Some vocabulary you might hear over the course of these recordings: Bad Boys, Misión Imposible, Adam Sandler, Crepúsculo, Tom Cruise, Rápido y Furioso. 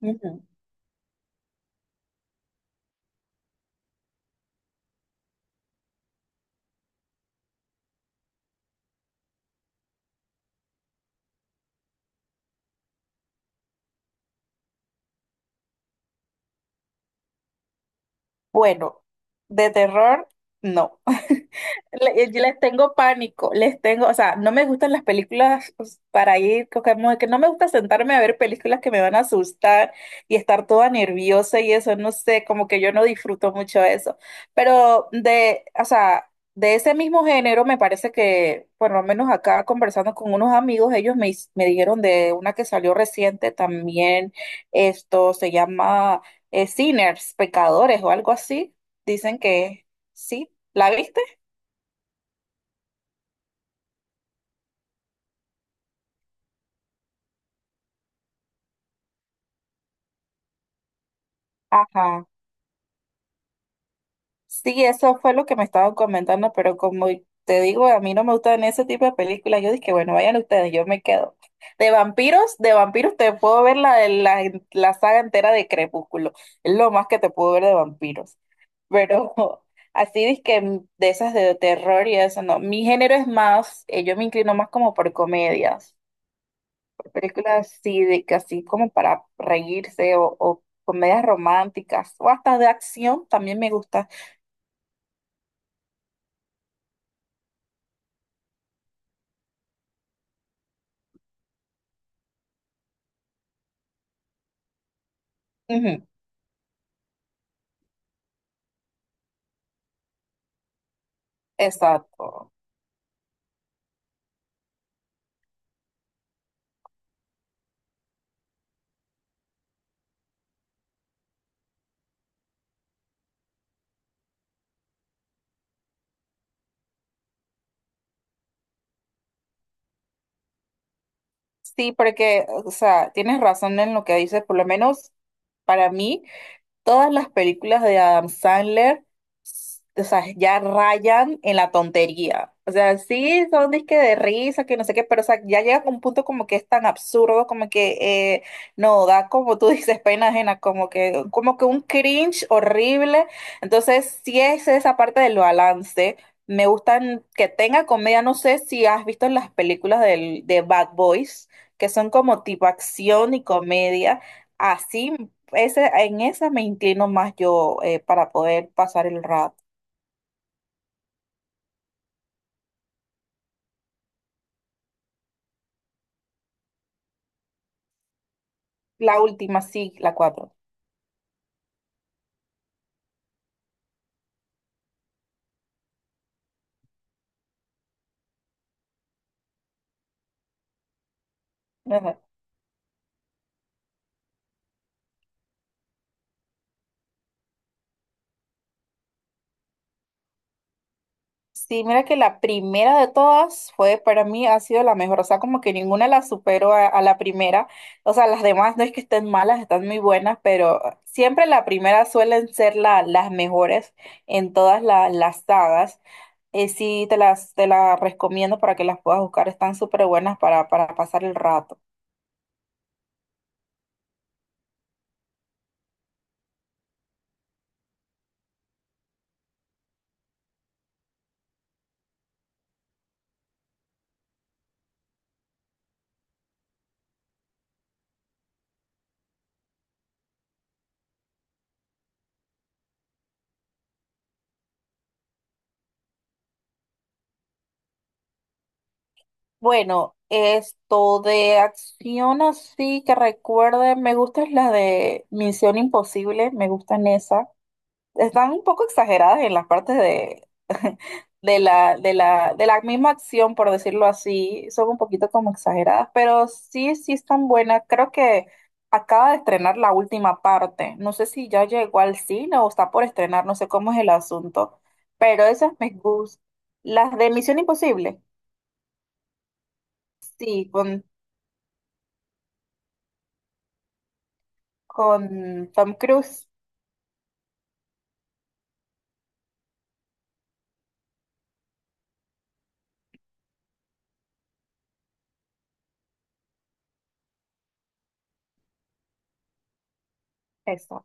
Ujú. Bueno, de terror, no. Yo les tengo pánico, les tengo, o sea, no me gustan las películas pues, para ir, como que no me gusta sentarme a ver películas que me van a asustar y estar toda nerviosa y eso, no sé, como que yo no disfruto mucho eso. Pero o sea, de ese mismo género me parece que, por lo menos acá conversando con unos amigos, me dijeron de una que salió reciente también, esto se llama... sinners, pecadores o algo así. Dicen que sí. ¿La viste? Ajá. Sí, eso fue lo que me estaban comentando, pero como te digo, a mí no me gustan ese tipo de películas. Yo dije, bueno, vayan ustedes, yo me quedo. De vampiros te puedo ver la saga entera de Crepúsculo. Es lo más que te puedo ver de vampiros. Pero así dizque de esas de terror y eso, no. Mi género es más, yo me inclino más como por comedias. Películas así, de que así como para reírse o comedias románticas o hasta de acción también me gusta. Ujú, exacto. Sí, porque, o sea, tienes razón en lo que dices, por lo menos para mí. Todas las películas de Adam Sandler, o sea, ya rayan en la tontería. O sea, sí, son disque de risa, que no sé qué, pero o sea, ya llega a un punto como que es tan absurdo, como que no, da como tú dices, pena ajena, como como que un cringe horrible. Entonces, sí es esa parte del balance. Me gustan que tenga comedia, no sé si has visto las películas de Bad Boys, que son como tipo acción y comedia. Así ese, en esa me inclino más yo para poder pasar el rato. La última, sí, la cuatro. Ajá. Sí, mira que la primera de todas fue para mí ha sido la mejor. O sea, como que ninguna la superó a la primera. O sea, las demás no es que estén malas, están muy buenas, pero siempre la primera suelen ser las mejores en todas las sagas. Sí, te las recomiendo para que las puedas buscar. Están súper buenas para pasar el rato. Bueno, esto de acción así que recuerde, me gustan las de Misión Imposible, me gustan esas. Están un poco exageradas en las partes de la misma acción, por decirlo así. Son un poquito como exageradas, pero sí, sí están buenas. Creo que acaba de estrenar la última parte. No sé si ya llegó al cine o está por estrenar, no sé cómo es el asunto, pero esas me gustan. Las de Misión Imposible, sí, con Tom Cruise. Eso.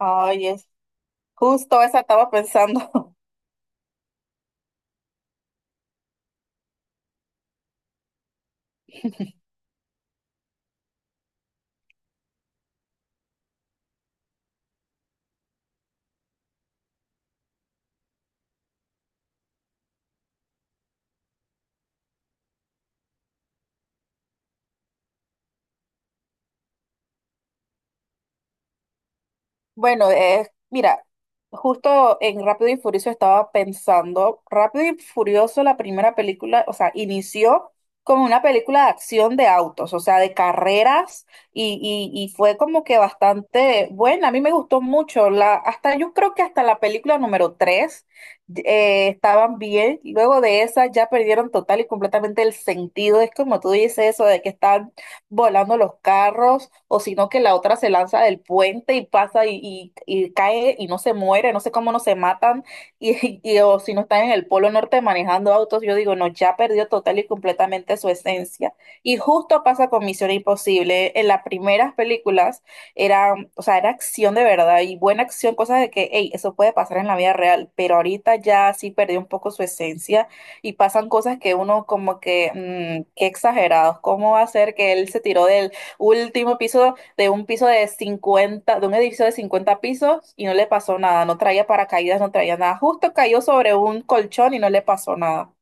Ay, es justo esa estaba pensando. Bueno, es, mira, justo en Rápido y Furioso estaba pensando, Rápido y Furioso, la primera película, o sea, inició como una película de acción de autos, o sea, de carreras, y, y fue como que bastante buena, a mí me gustó mucho, la, hasta yo creo que hasta la película número 3 estaban bien, luego de esa ya perdieron total y completamente el sentido, es como tú dices eso de que están volando los carros, o sino que la otra se lanza del puente y pasa y cae y no se muere, no sé cómo no se matan, o si no están en el Polo Norte manejando autos, yo digo, no, ya perdió total y completamente su esencia. Y justo pasa con Misión Imposible, en las primeras películas era, o sea, era acción de verdad y buena acción, cosas de que, hey, eso puede pasar en la vida real, pero ahorita ya sí perdió un poco su esencia y pasan cosas que uno como que, mm, qué exagerados, ¿cómo va a ser que él se tiró del último piso de un piso de 50 de un edificio de 50 pisos y no le pasó nada? No traía paracaídas, no traía nada. Justo cayó sobre un colchón y no le pasó nada.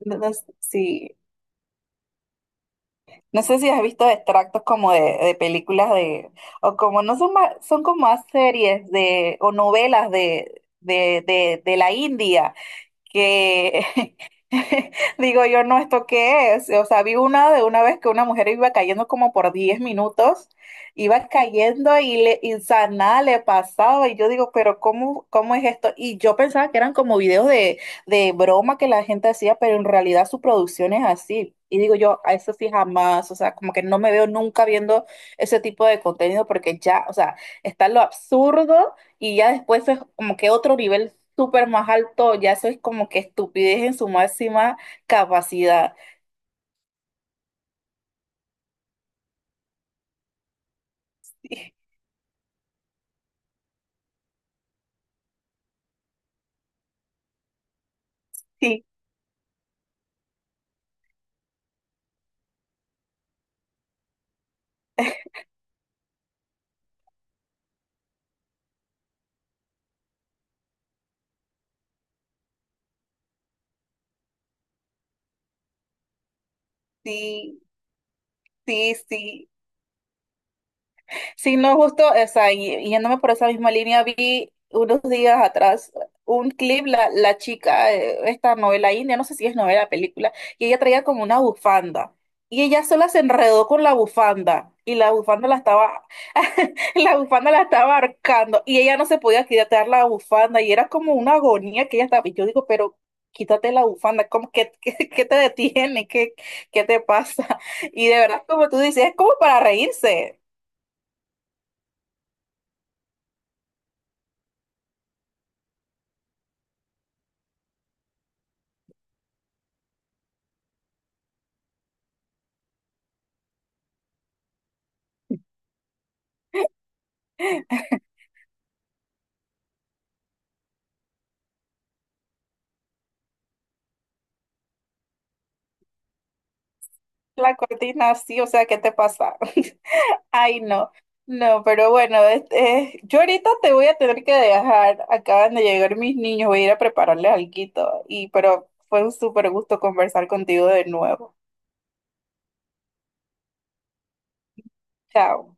Sí. No sé si has visto extractos como de películas de, o como no son más, son como más series de, o novelas de la India que digo yo, no, ¿esto qué es? O sea, vi una de una vez que una mujer iba cayendo como por 10 minutos, iba cayendo y o sea, nada le pasaba. Y yo digo, pero ¿cómo, cómo es esto? Y yo pensaba que eran como videos de broma que la gente hacía, pero en realidad su producción es así. Y digo yo, a eso sí jamás, o sea, como que no me veo nunca viendo ese tipo de contenido porque ya, o sea, está lo absurdo y ya después es como que otro nivel súper más alto, ya eso es como que estupidez en su máxima capacidad. Sí, sí, sí, sí, sí. Sí, no, justo, o sea, yéndome por esa misma línea, vi unos días atrás un clip, la chica, esta novela india, no sé si es novela, película, y ella traía como una bufanda. Y ella sola se enredó con la bufanda. Y la bufanda la estaba, la bufanda la estaba ahorcando. Y ella no se podía quitar la bufanda. Y era como una agonía que ella estaba. Y yo digo, pero quítate la bufanda, ¿cómo que, qué, qué te detiene? ¿Qué, qué te pasa? Y de verdad, como tú dices, es como para reírse. La cortina, sí, o sea, ¿qué te pasa? Ay, no, no, pero bueno, este, yo ahorita te voy a tener que dejar, acaban de llegar mis niños, voy a ir a prepararles alguito, y pero fue un súper gusto conversar contigo de nuevo. Chao.